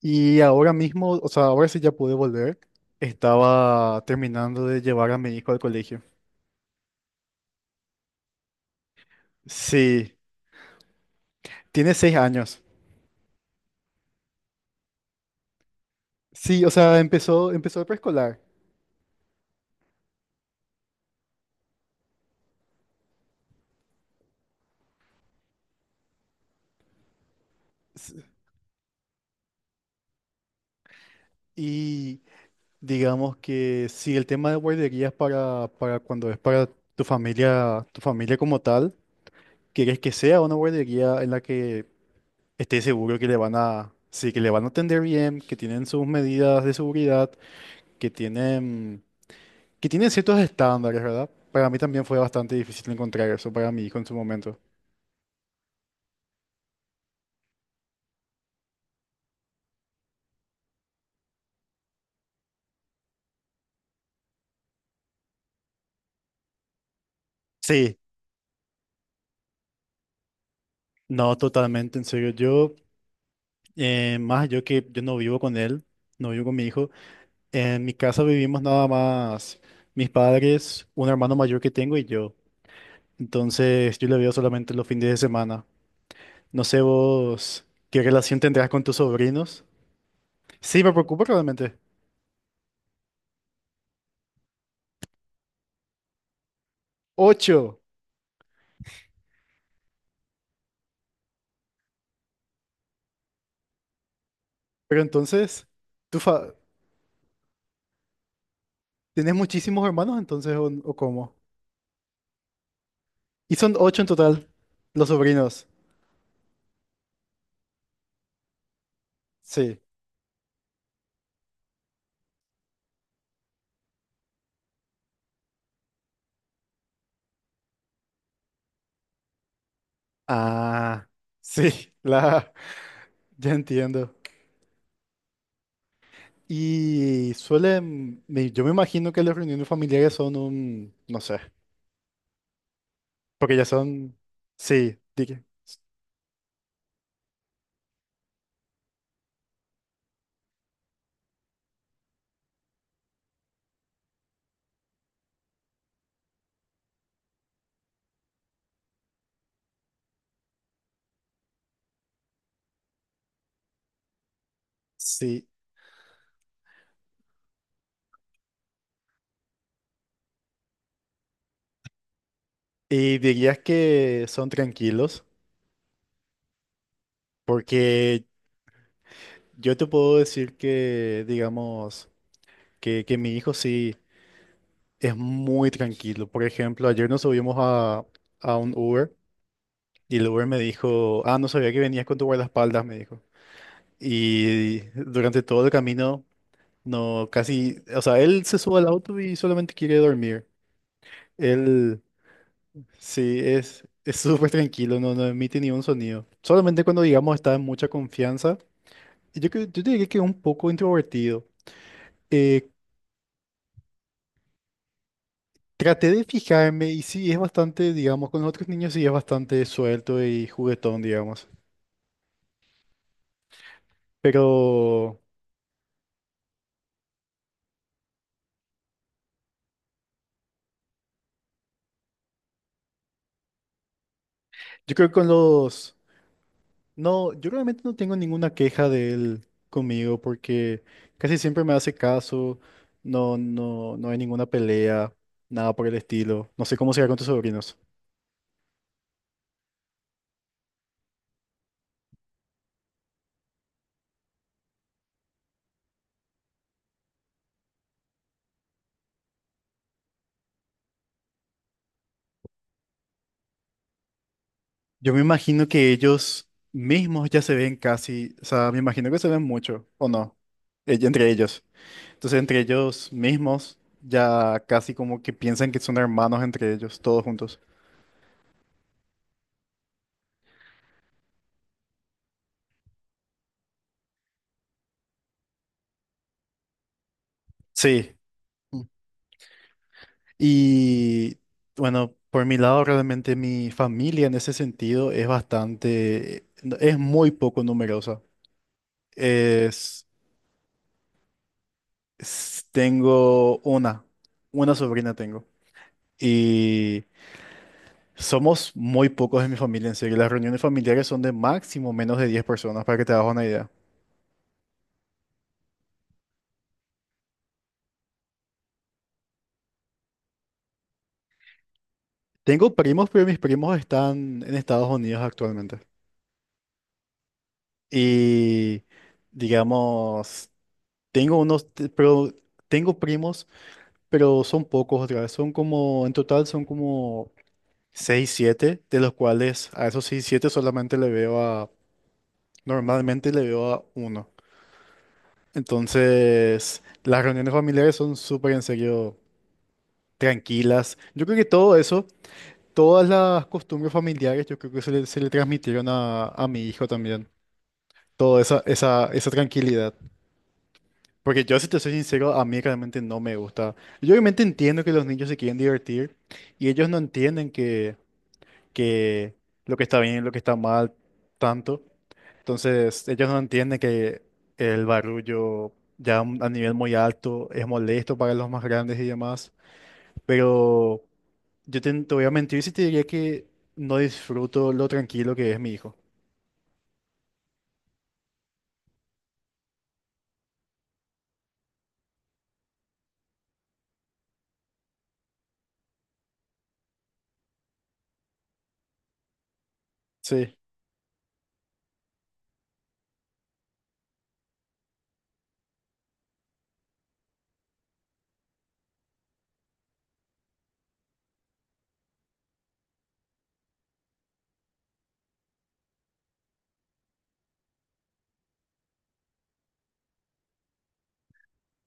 Y ahora mismo, o sea, ahora sí ya pude volver. Estaba terminando de llevar a mi hijo al colegio. Sí, tiene 6 años. Sí, o sea, empezó, el preescolar. S- Y digamos que sí, el tema de guarderías para cuando es para tu familia como tal, quieres que sea una guardería en la que estés seguro que le van a, sí, que le van a atender bien, que tienen sus medidas de seguridad, que tienen Que tiene ciertos estándares, ¿verdad? Para mí también fue bastante difícil encontrar eso para mi hijo en su momento. Sí, no, totalmente, en serio. Yo, más yo que yo no vivo con él, no vivo con mi hijo. En mi casa vivimos nada más mis padres, un hermano mayor que tengo y yo. Entonces yo le veo solamente los fines de semana. No sé vos qué relación tendrás con tus sobrinos. Sí, me preocupa realmente. Ocho. Pero entonces, ¿tú fa- tenés muchísimos hermanos entonces o cómo? Y son ocho en total, los sobrinos. Sí. Ah, sí, ya entiendo. Y suelen, yo me imagino que las reuniones familiares son un, no sé, porque ya son, sí, sí. Y dirías que son tranquilos, porque yo te puedo decir que, digamos, que mi hijo sí es muy tranquilo. Por ejemplo, ayer nos subimos a, un Uber. Y el Uber me dijo, ah, no sabía que venías con tu guardaespaldas, me dijo. Y durante todo el camino, no, casi, o sea, él se sube al auto y solamente quiere dormir. Él, sí, es súper tranquilo, no, no emite ni un sonido. Solamente cuando, digamos, está en mucha confianza. Y yo diría que es un poco introvertido. Eh, Traté de fijarme y sí, es bastante, digamos, con los otros niños sí es bastante suelto y juguetón, digamos. Pero yo creo que no, yo realmente no tengo ninguna queja de él conmigo porque casi siempre me hace caso, no, no, no hay ninguna pelea, nada por el estilo. No sé cómo será con tus sobrinos. Yo me imagino que ellos mismos ya se ven casi, o sea, me imagino que se ven mucho, ¿o no? Entre ellos. Entonces entre ellos mismos ya casi como que piensan que son hermanos entre ellos, todos juntos. Sí. Y bueno, por mi lado realmente mi familia en ese sentido es bastante, no, es muy poco numerosa. Es, Tengo una, sobrina tengo. Y somos muy pocos en mi familia, en serio. Las reuniones familiares son de máximo menos de 10 personas, para que te hagas una idea. Tengo primos, pero mis primos están en Estados Unidos actualmente. Y digamos, tengo unos, t- pero tengo primos, pero son pocos otra vez. Son como, en total son como 6 7 de los cuales a esos 6 7 solamente le veo a, normalmente le veo a uno. Entonces, las reuniones familiares son súper en serio tranquilas. Yo creo que todo eso, todas las costumbres familiares, yo creo que se le transmitieron a, mi hijo también. Toda esa tranquilidad. Porque yo, si te soy sincero, a mí realmente no me gusta. Yo obviamente entiendo que los niños se quieren divertir y ellos no entienden que lo que está bien y lo que está mal tanto. Entonces, ellos no entienden que el barullo ya a nivel muy alto es molesto para los más grandes y demás. Pero yo te voy a mentir si te diría que no disfruto lo tranquilo que es mi hijo. Sí.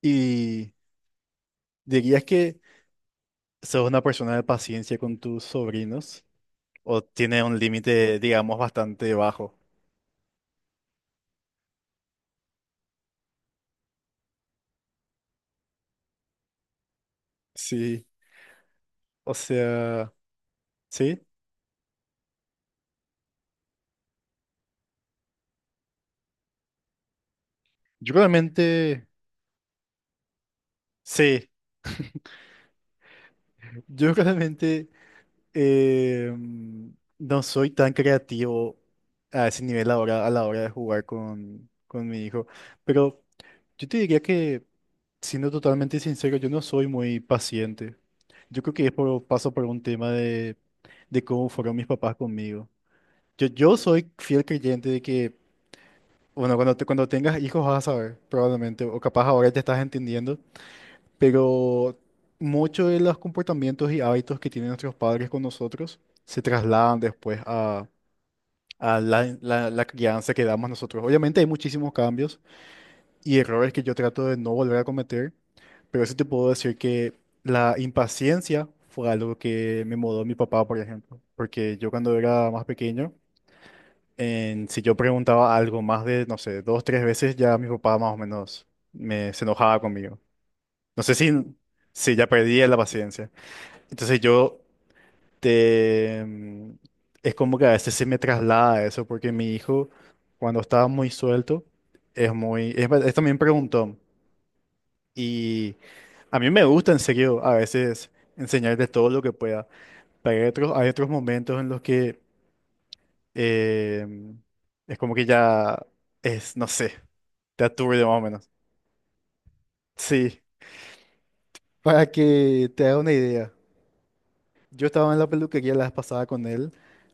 Y dirías que sos una persona de paciencia con tus sobrinos, o tiene un límite, digamos, bastante bajo. Sí, o sea, sí, yo claramente, sí, yo claramente, eh, mm, no soy tan creativo a ese nivel ahora, a la hora de jugar con, mi hijo, pero yo te diría que, siendo totalmente sincero, yo no soy muy paciente. Yo creo que es por, paso por un tema de cómo fueron mis papás conmigo. Yo soy fiel creyente de que Bueno, cuando tengas hijos vas a saber, probablemente, o capaz ahora te estás entendiendo, pero muchos de los comportamientos y hábitos que tienen nuestros padres con nosotros se trasladan después a, la crianza que damos nosotros. Obviamente hay muchísimos cambios y errores que yo trato de no volver a cometer, pero sí te puedo decir que la impaciencia fue algo que me mudó mi papá, por ejemplo, porque yo cuando era más pequeño, si yo preguntaba algo más de, no sé, dos, tres veces, ya mi papá más o menos se enojaba conmigo. No sé si ya perdía la paciencia. Entonces yo te... mm, es como que a veces se me traslada eso, porque mi hijo, cuando estaba muy suelto, es también preguntón. Y a mí me gusta, en serio, a veces enseñarle todo lo que pueda. Pero hay otros, momentos en los que em, es como que ya es, no sé. Te aturde más o menos. Sí, para que te haga una idea. Yo estaba en la peluquería la vez pasada con él,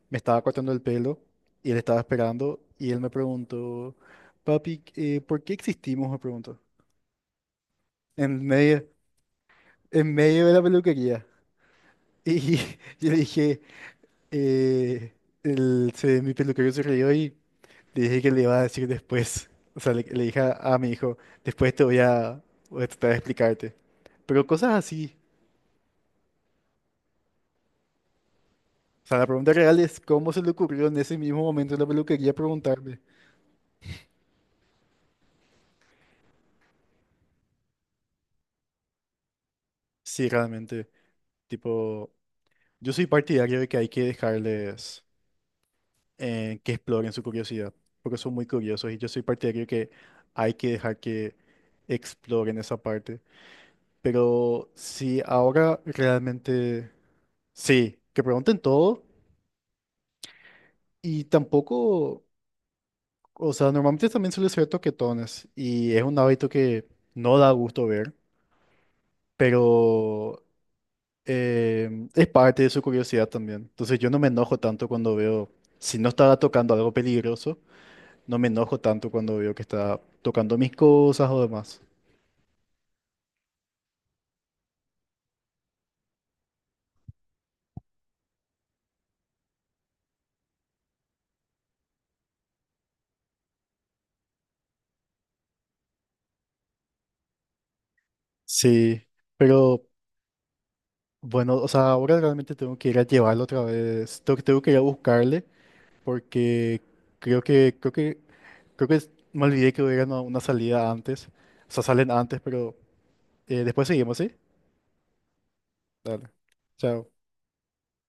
me estaba cortando el pelo y él estaba esperando y él me preguntó, papi, ¿por qué existimos? Me preguntó. En medio, en medio de la peluquería. Y yo le dije, eh, mi peluquero se rió y le dije que le iba a decir después. O sea, le dije a, mi hijo, después te voy a tratar de explicarte. Pero cosas así. O sea, la pregunta real es cómo se le ocurrió en ese mismo momento en la peluquería preguntarle. Sí, realmente, tipo, yo soy partidario de que hay que dejarles, que exploren su curiosidad, porque son muy curiosos y yo soy partidario de que hay que dejar que exploren esa parte. Pero si ahora realmente, sí, que pregunten todo y tampoco, o sea, normalmente también suele ser toquetones y es un hábito que no da gusto ver, pero es parte de su curiosidad también. Entonces yo no me enojo tanto cuando veo, si no estaba tocando algo peligroso, no me enojo tanto cuando veo que está tocando mis cosas o demás. Sí, pero bueno, o sea, ahora realmente tengo que ir a llevarlo otra vez, tengo que ir a buscarle porque creo que, creo que, me olvidé que hubiera una, salida antes, o sea, salen antes, pero después seguimos, ¿sí? Dale, chao.